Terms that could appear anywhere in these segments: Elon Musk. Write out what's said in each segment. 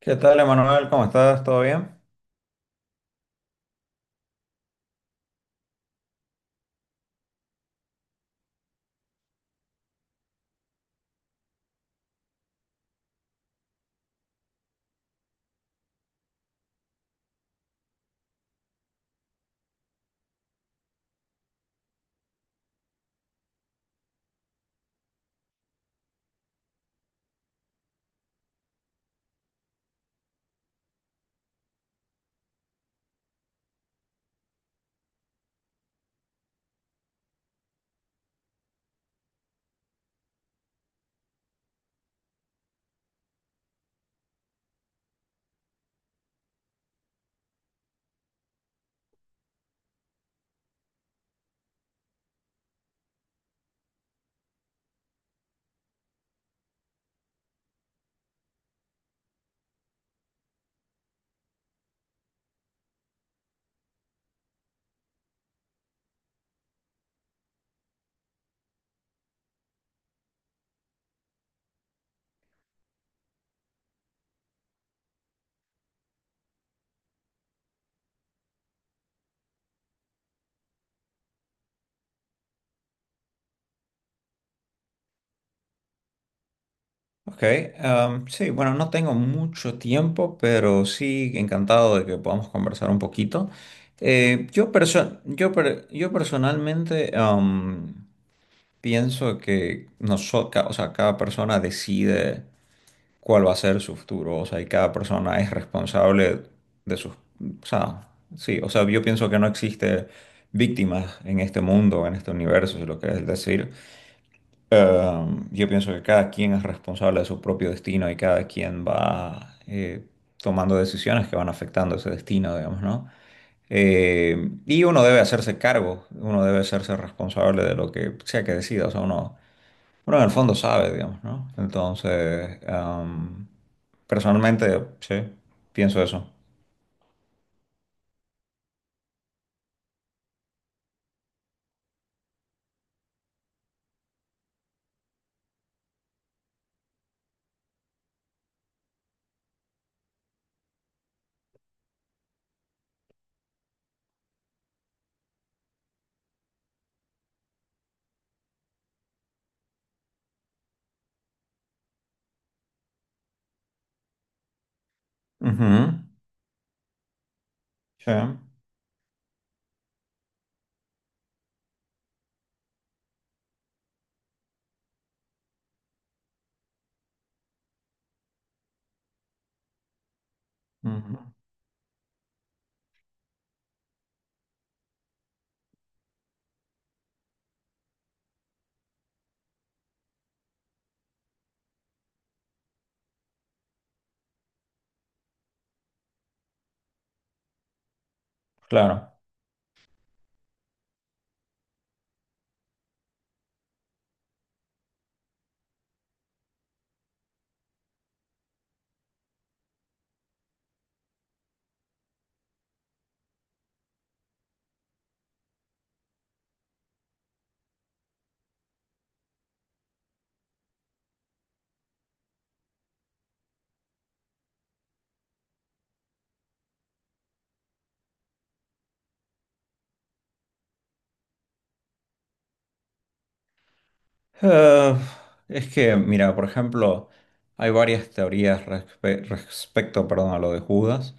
¿Qué tal, Emanuel? ¿Cómo estás? ¿Todo bien? Ok. Sí, bueno, no tengo mucho tiempo, pero sí encantado de que podamos conversar un poquito. Yo personalmente pienso que nosotros, o sea, cada persona decide cuál va a ser su futuro, o sea, y cada persona es responsable de sus... O sea, sí, o sea, yo pienso que no existe víctimas en este mundo, en este universo, si lo que es decir. Yo pienso que cada quien es responsable de su propio destino y cada quien va tomando decisiones que van afectando ese destino, digamos, ¿no? Y uno debe hacerse cargo, uno debe hacerse responsable de lo que sea que decida, o sea, uno en el fondo sabe, digamos, ¿no? Entonces, personalmente, sí, pienso eso. Ujú, sí, ujú, claro. Eh, es que, mira, por ejemplo, hay varias teorías respecto, perdón, a lo de Judas.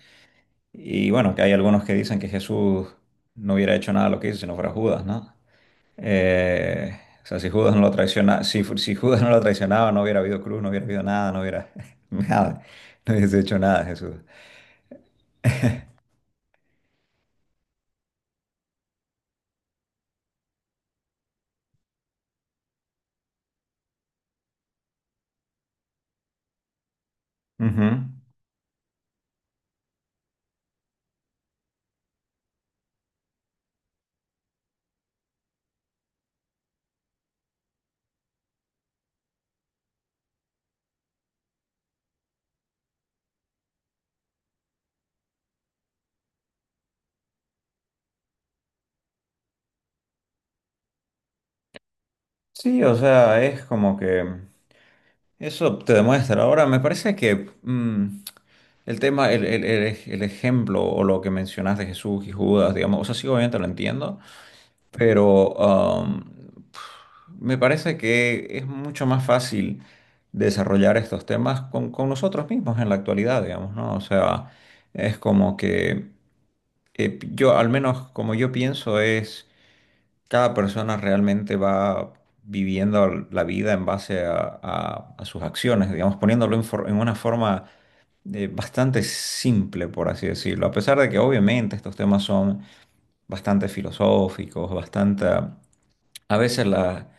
Y bueno, que hay algunos que dicen que Jesús no hubiera hecho nada de lo que hizo si no fuera Judas, ¿no? O sea, si Judas no lo traiciona, si Judas no lo traicionaba, no hubiera habido cruz, no hubiera habido nada, no hubiera nada, no hubiese hecho nada Jesús. Ujú. Sí, o sea, es como que. Eso te demuestra. Ahora, me parece que el tema, el ejemplo o lo que mencionaste, Jesús y Judas, digamos, o sea, sí, obviamente lo entiendo, pero me parece que es mucho más fácil desarrollar estos temas con nosotros mismos en la actualidad, digamos, ¿no? O sea, es como que yo, al menos como yo pienso, es... Cada persona realmente va viviendo la vida en base a, a sus acciones, digamos, poniéndolo en, en una forma bastante simple, por así decirlo. A pesar de que obviamente estos temas son bastante filosóficos, bastante... A veces la...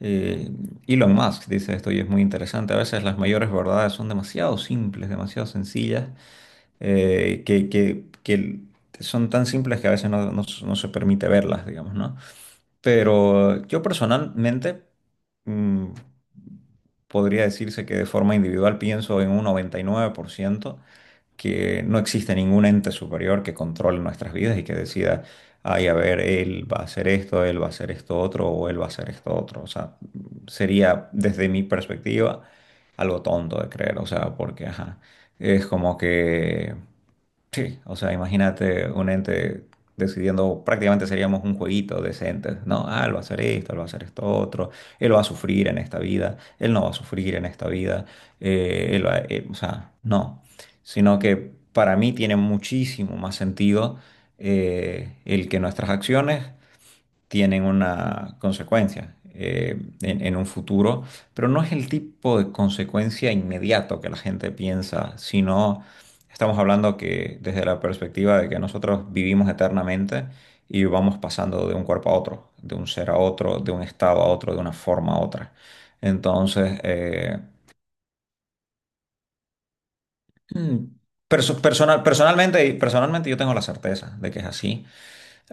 eh, Elon Musk dice esto y es muy interesante. A veces las mayores verdades son demasiado simples, demasiado sencillas, que, que son tan simples que a veces no se permite verlas, digamos, ¿no? Pero yo personalmente mm, podría decirse que de forma individual pienso en un 99% que no existe ningún ente superior que controle nuestras vidas y que decida, ay, a ver, él va a hacer esto, él va a hacer esto otro o él va a hacer esto otro. O sea, sería desde mi perspectiva algo tonto de creer, o sea, porque ajá, es como que sí. O sea, imagínate un ente decidiendo, prácticamente seríamos un jueguito de ese ente. No, ah, él va a hacer esto, él va a hacer esto otro, él va a sufrir en esta vida, él no va a sufrir en esta vida, o sea, no. Sino que para mí tiene muchísimo más sentido el que nuestras acciones tienen una consecuencia en un futuro, pero no es el tipo de consecuencia inmediato que la gente piensa, sino estamos hablando que desde la perspectiva de que nosotros vivimos eternamente y vamos pasando de un cuerpo a otro, de un ser a otro, de un estado a otro, de una forma a otra. Entonces, mm, personalmente yo tengo la certeza de que es así.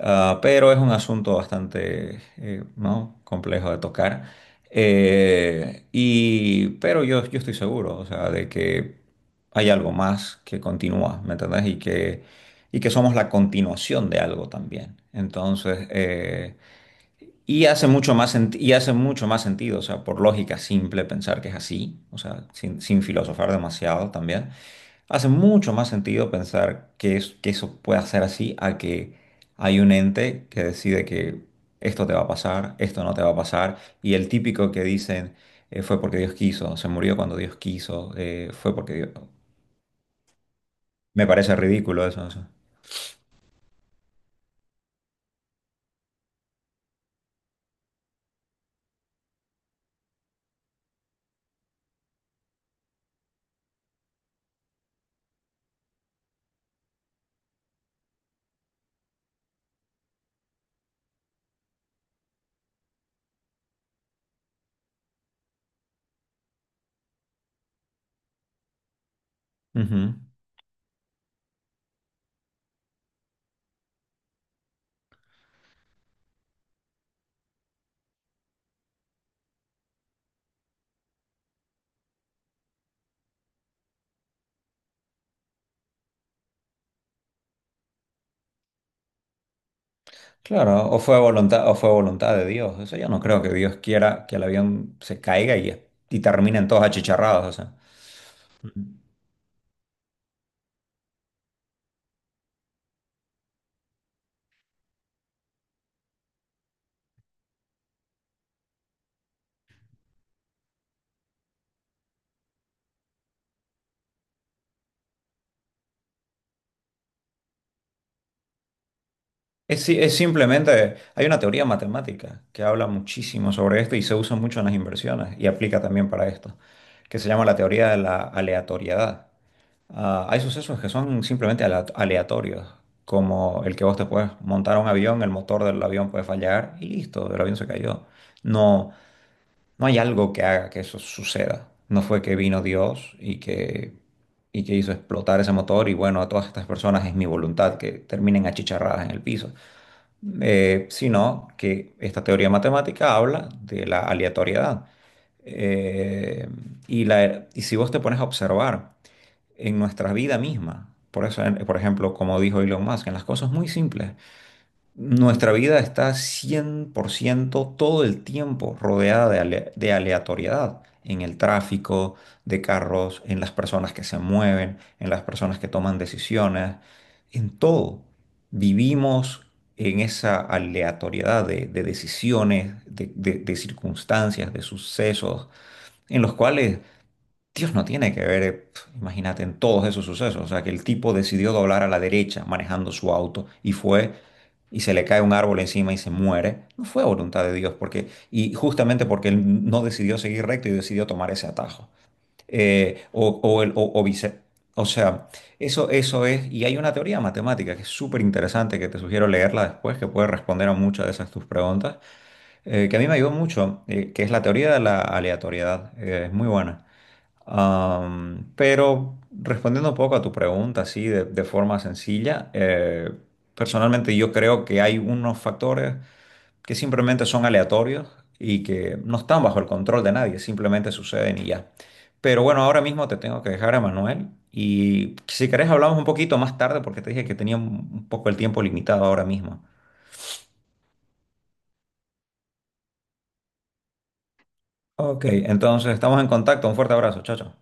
Ah, pero es un asunto bastante ¿no? complejo de tocar. Pero yo estoy seguro, o sea, de que hay algo más que continúa, ¿me entendés? Y que somos la continuación de algo también. Entonces, y hace mucho más y hace mucho más sentido, o sea, por lógica simple pensar que es así, o sea, sin filosofar demasiado también, hace mucho más sentido pensar que, que eso pueda ser así a que hay un ente que decide que esto te va a pasar, esto no te va a pasar, y el típico que dicen fue porque Dios quiso, se murió cuando Dios quiso, fue porque Dios... Me parece ridículo eso, eso. Ujú. Claro, o fue voluntad de Dios. Eso yo no creo que Dios quiera que el avión se caiga y terminen todos achicharrados. O sea. Ujú. Es, es simplemente, hay una teoría matemática que habla muchísimo sobre esto y se usa mucho en las inversiones y aplica también para esto, que se llama la teoría de la aleatoriedad. Ah, hay sucesos que son simplemente aleatorios, como el que vos te puedes montar a un avión, el motor del avión puede fallar y listo, el avión se cayó. No. No hay algo que haga que eso suceda. No fue que vino Dios y que hizo explotar ese motor y bueno, a todas estas personas es mi voluntad que terminen achicharradas en el piso. Sino que esta teoría matemática habla de la aleatoriedad. Eh, y si vos te pones a observar en nuestra vida misma, por eso, por ejemplo, como dijo Elon Musk, en las cosas muy simples, nuestra vida está 100% todo el tiempo rodeada de, de aleatoriedad, en el tráfico de carros, en las personas que se mueven, en las personas que toman decisiones, en todo. Vivimos en esa aleatoriedad de decisiones, de, de circunstancias, de sucesos, en los cuales Dios no tiene que ver, imagínate, en todos esos sucesos. O sea, que el tipo decidió doblar a la derecha manejando su auto y fue y se le cae un árbol encima y se muere. No fue voluntad de Dios, porque, y justamente porque él no decidió seguir recto y decidió tomar ese atajo. O, el- o vice- O sea, eso es, y hay una teoría matemática que es súper interesante, que te sugiero leerla después, que puede responder a muchas de esas tus preguntas, que a mí me ayudó mucho, que es la teoría de la aleatoriedad. Es muy buena. Pero respondiendo un poco a tu pregunta, así de forma sencilla, personalmente yo creo que hay unos factores que simplemente son aleatorios y que no están bajo el control de nadie, simplemente suceden y ya. Pero bueno, ahora mismo te tengo que dejar a Manuel y si querés hablamos un poquito más tarde porque te dije que tenía un poco el tiempo limitado ahora mismo. Ok, entonces estamos en contacto. Un fuerte abrazo, chao, chao.